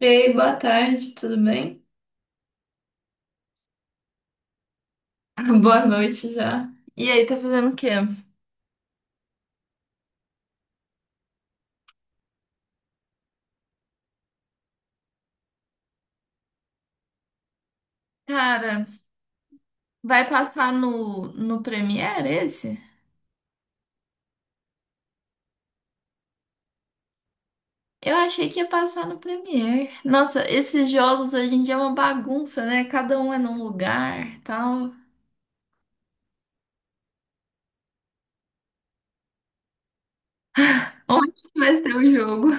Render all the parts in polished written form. Ei, boa tarde, tudo bem? Boa noite já. E aí, tá fazendo o quê? Cara, vai passar no Premiere esse? Eu achei que ia passar no Premiere. Nossa, esses jogos hoje em dia é uma bagunça, né? Cada um é num lugar, tal. Onde que vai ter o jogo?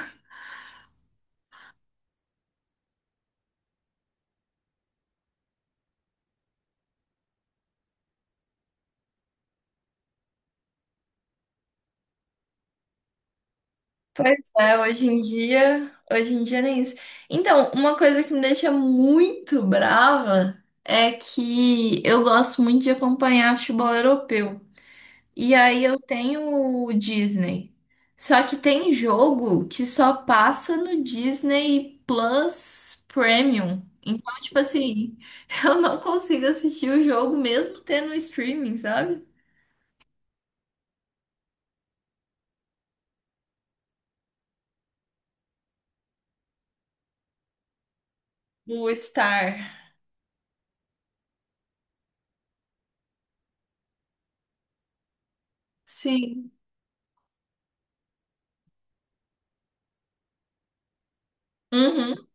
Pois é, hoje em dia nem isso. Então, uma coisa que me deixa muito brava é que eu gosto muito de acompanhar futebol europeu. E aí eu tenho o Disney. Só que tem jogo que só passa no Disney Plus Premium. Então, tipo assim, eu não consigo assistir o jogo mesmo tendo o streaming, sabe? O Star. Sim. Uhum.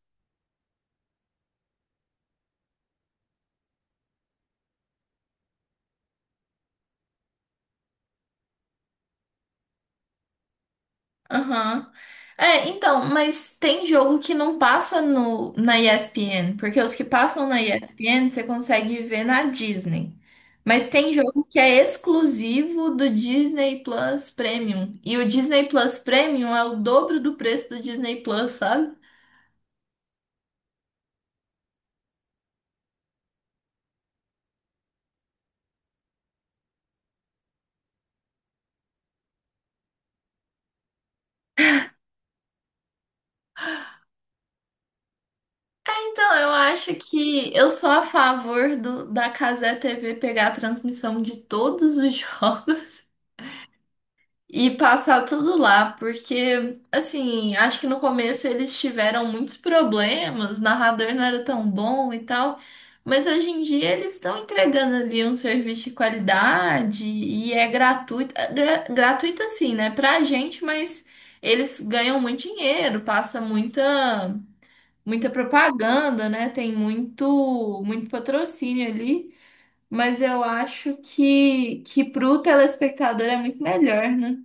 Aham. É, então, mas tem jogo que não passa no, na ESPN, porque os que passam na ESPN você consegue ver na Disney. Mas tem jogo que é exclusivo do Disney Plus Premium. E o Disney Plus Premium é o dobro do preço do Disney Plus, sabe? Então, eu acho que eu sou a favor da Casé TV pegar a transmissão de todos os jogos. E passar tudo lá, porque, assim, acho que no começo eles tiveram muitos problemas, o narrador não era tão bom e tal, mas hoje em dia eles estão entregando ali um serviço de qualidade e é gratuito, é gratuito assim, né, pra gente, mas eles ganham muito dinheiro, passa muita propaganda, né, tem muito patrocínio ali. Mas eu acho que pro telespectador é muito melhor, né?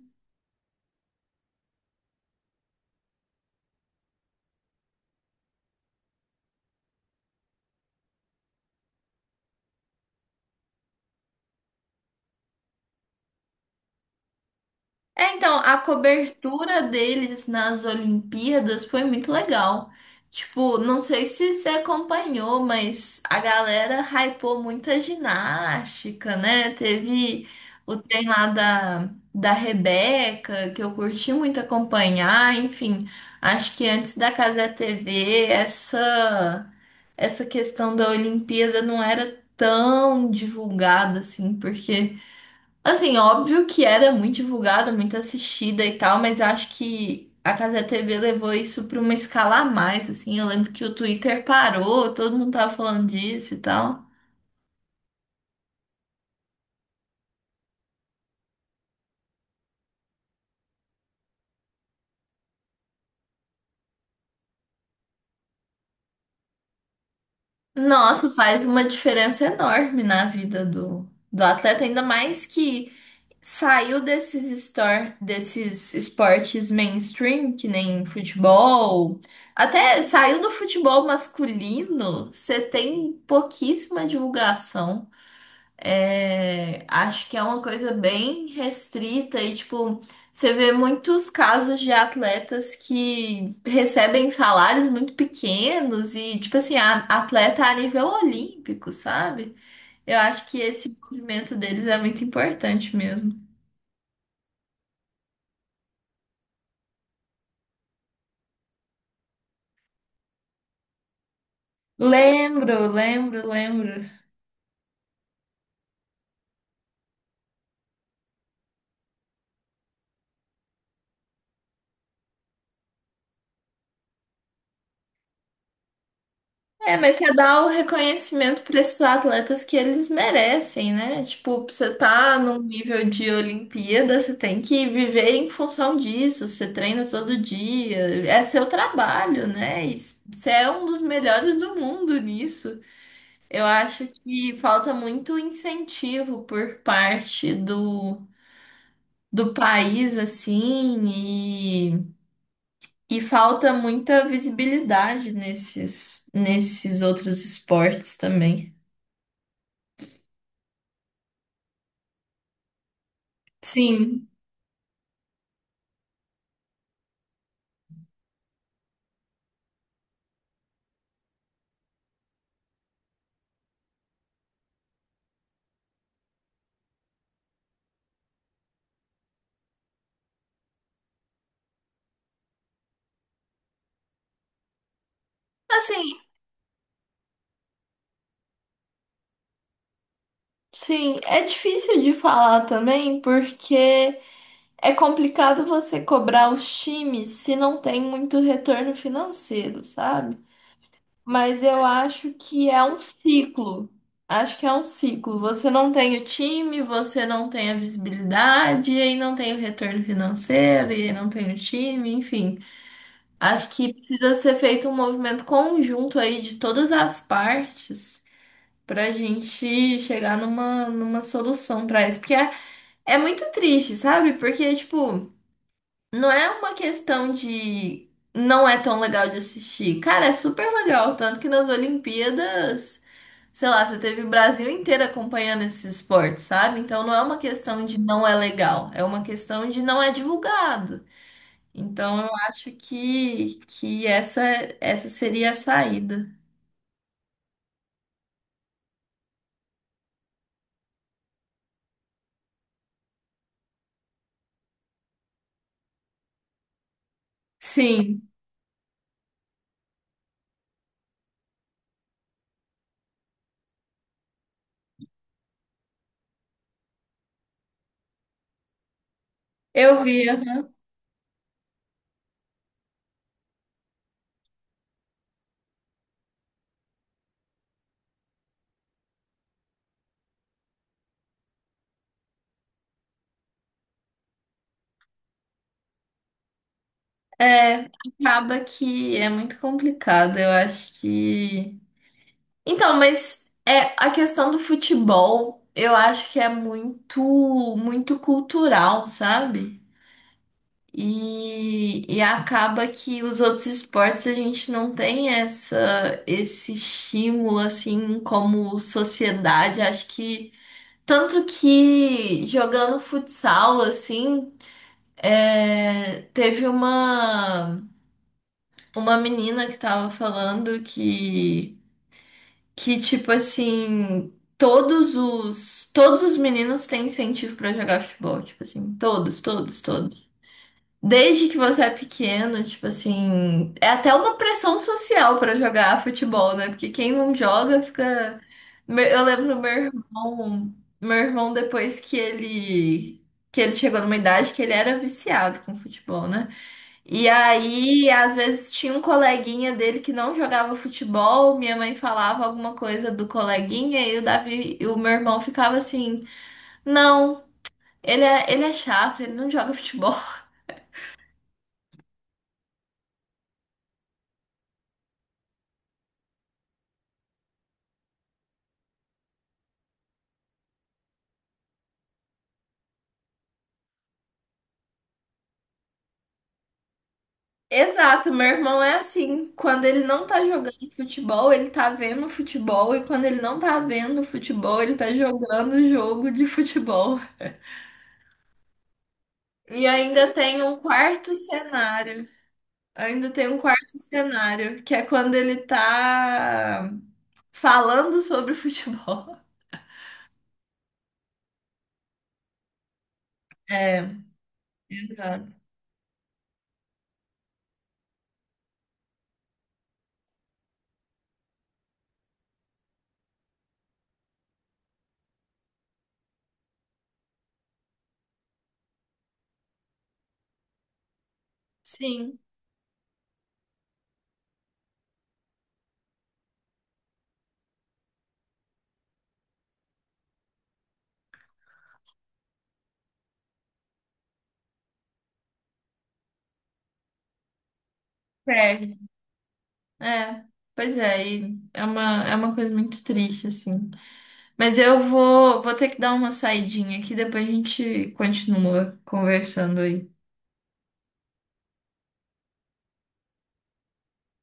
É, então, a cobertura deles nas Olimpíadas foi muito legal. Tipo, não sei se você acompanhou, mas a galera hypou muita ginástica, né? Teve o trem lá da Rebeca, que eu curti muito acompanhar. Enfim, acho que antes da Cazé TV, essa questão da Olimpíada não era tão divulgada assim, porque. Assim, óbvio que era muito divulgada, muito assistida e tal, mas acho que a Cazé TV levou isso pra uma escala a mais, assim. Eu lembro que o Twitter parou, todo mundo tava falando disso e tal. Nossa, faz uma diferença enorme na vida do atleta, ainda mais que saiu desses, store, desses esportes mainstream, que nem futebol. Até saiu do futebol masculino, você tem pouquíssima divulgação. É, acho que é uma coisa bem restrita e, tipo, você vê muitos casos de atletas que recebem salários muito pequenos e, tipo assim, atleta a nível olímpico, sabe? Eu acho que esse movimento deles é muito importante mesmo. Lembro, lembro, lembro. É, mas você dá o reconhecimento para esses atletas que eles merecem, né? Tipo, você tá num nível de Olimpíada, você tem que viver em função disso, você treina todo dia, é seu trabalho, né? E você é um dos melhores do mundo nisso. Eu acho que falta muito incentivo por parte do, do país, assim, e. E falta muita visibilidade nesses outros esportes também. Sim. Assim, sim, é difícil de falar também, porque é complicado você cobrar os times se não tem muito retorno financeiro, sabe? Mas eu acho que é um ciclo. Acho que é um ciclo. Você não tem o time, você não tem a visibilidade, e aí não tem o retorno financeiro, e aí não tem o time, enfim. Acho que precisa ser feito um movimento conjunto aí de todas as partes pra gente chegar numa solução pra isso. Porque é, é muito triste, sabe? Porque, tipo, não é uma questão de não é tão legal de assistir. Cara, é super legal. Tanto que nas Olimpíadas, sei lá, você teve o Brasil inteiro acompanhando esse esporte, sabe? Então não é uma questão de não é legal, é uma questão de não é divulgado. Então eu acho que essa seria a saída. Sim, eu vi. É, acaba que é muito complicado, eu acho que. Então, mas é a questão do futebol, eu acho que é muito cultural, sabe? E acaba que os outros esportes a gente não tem essa, esse estímulo assim como sociedade. Acho que tanto que jogando futsal assim, é, teve uma menina que tava falando que tipo assim, todos os meninos têm incentivo pra jogar futebol, tipo assim, todos, todos, todos. Desde que você é pequeno, tipo assim, é até uma pressão social pra jogar futebol, né? Porque quem não joga fica Eu lembro meu irmão, depois que ele chegou numa idade que ele era viciado com futebol, né? E aí, às vezes tinha um coleguinha dele que não jogava futebol, minha mãe falava alguma coisa do coleguinha e o Davi, e o meu irmão ficava assim: "Não, ele é chato, ele não joga futebol". Exato, meu irmão é assim, quando ele não tá jogando futebol, ele tá vendo futebol e quando ele não tá vendo futebol, ele tá jogando jogo de futebol. E ainda tem um quarto cenário. Ainda tem um quarto cenário, que é quando ele tá falando sobre futebol. É, exato. Sim, perde. É, pois é, e é uma coisa muito triste, assim. Mas eu vou, vou ter que dar uma saidinha aqui, depois a gente continua conversando aí.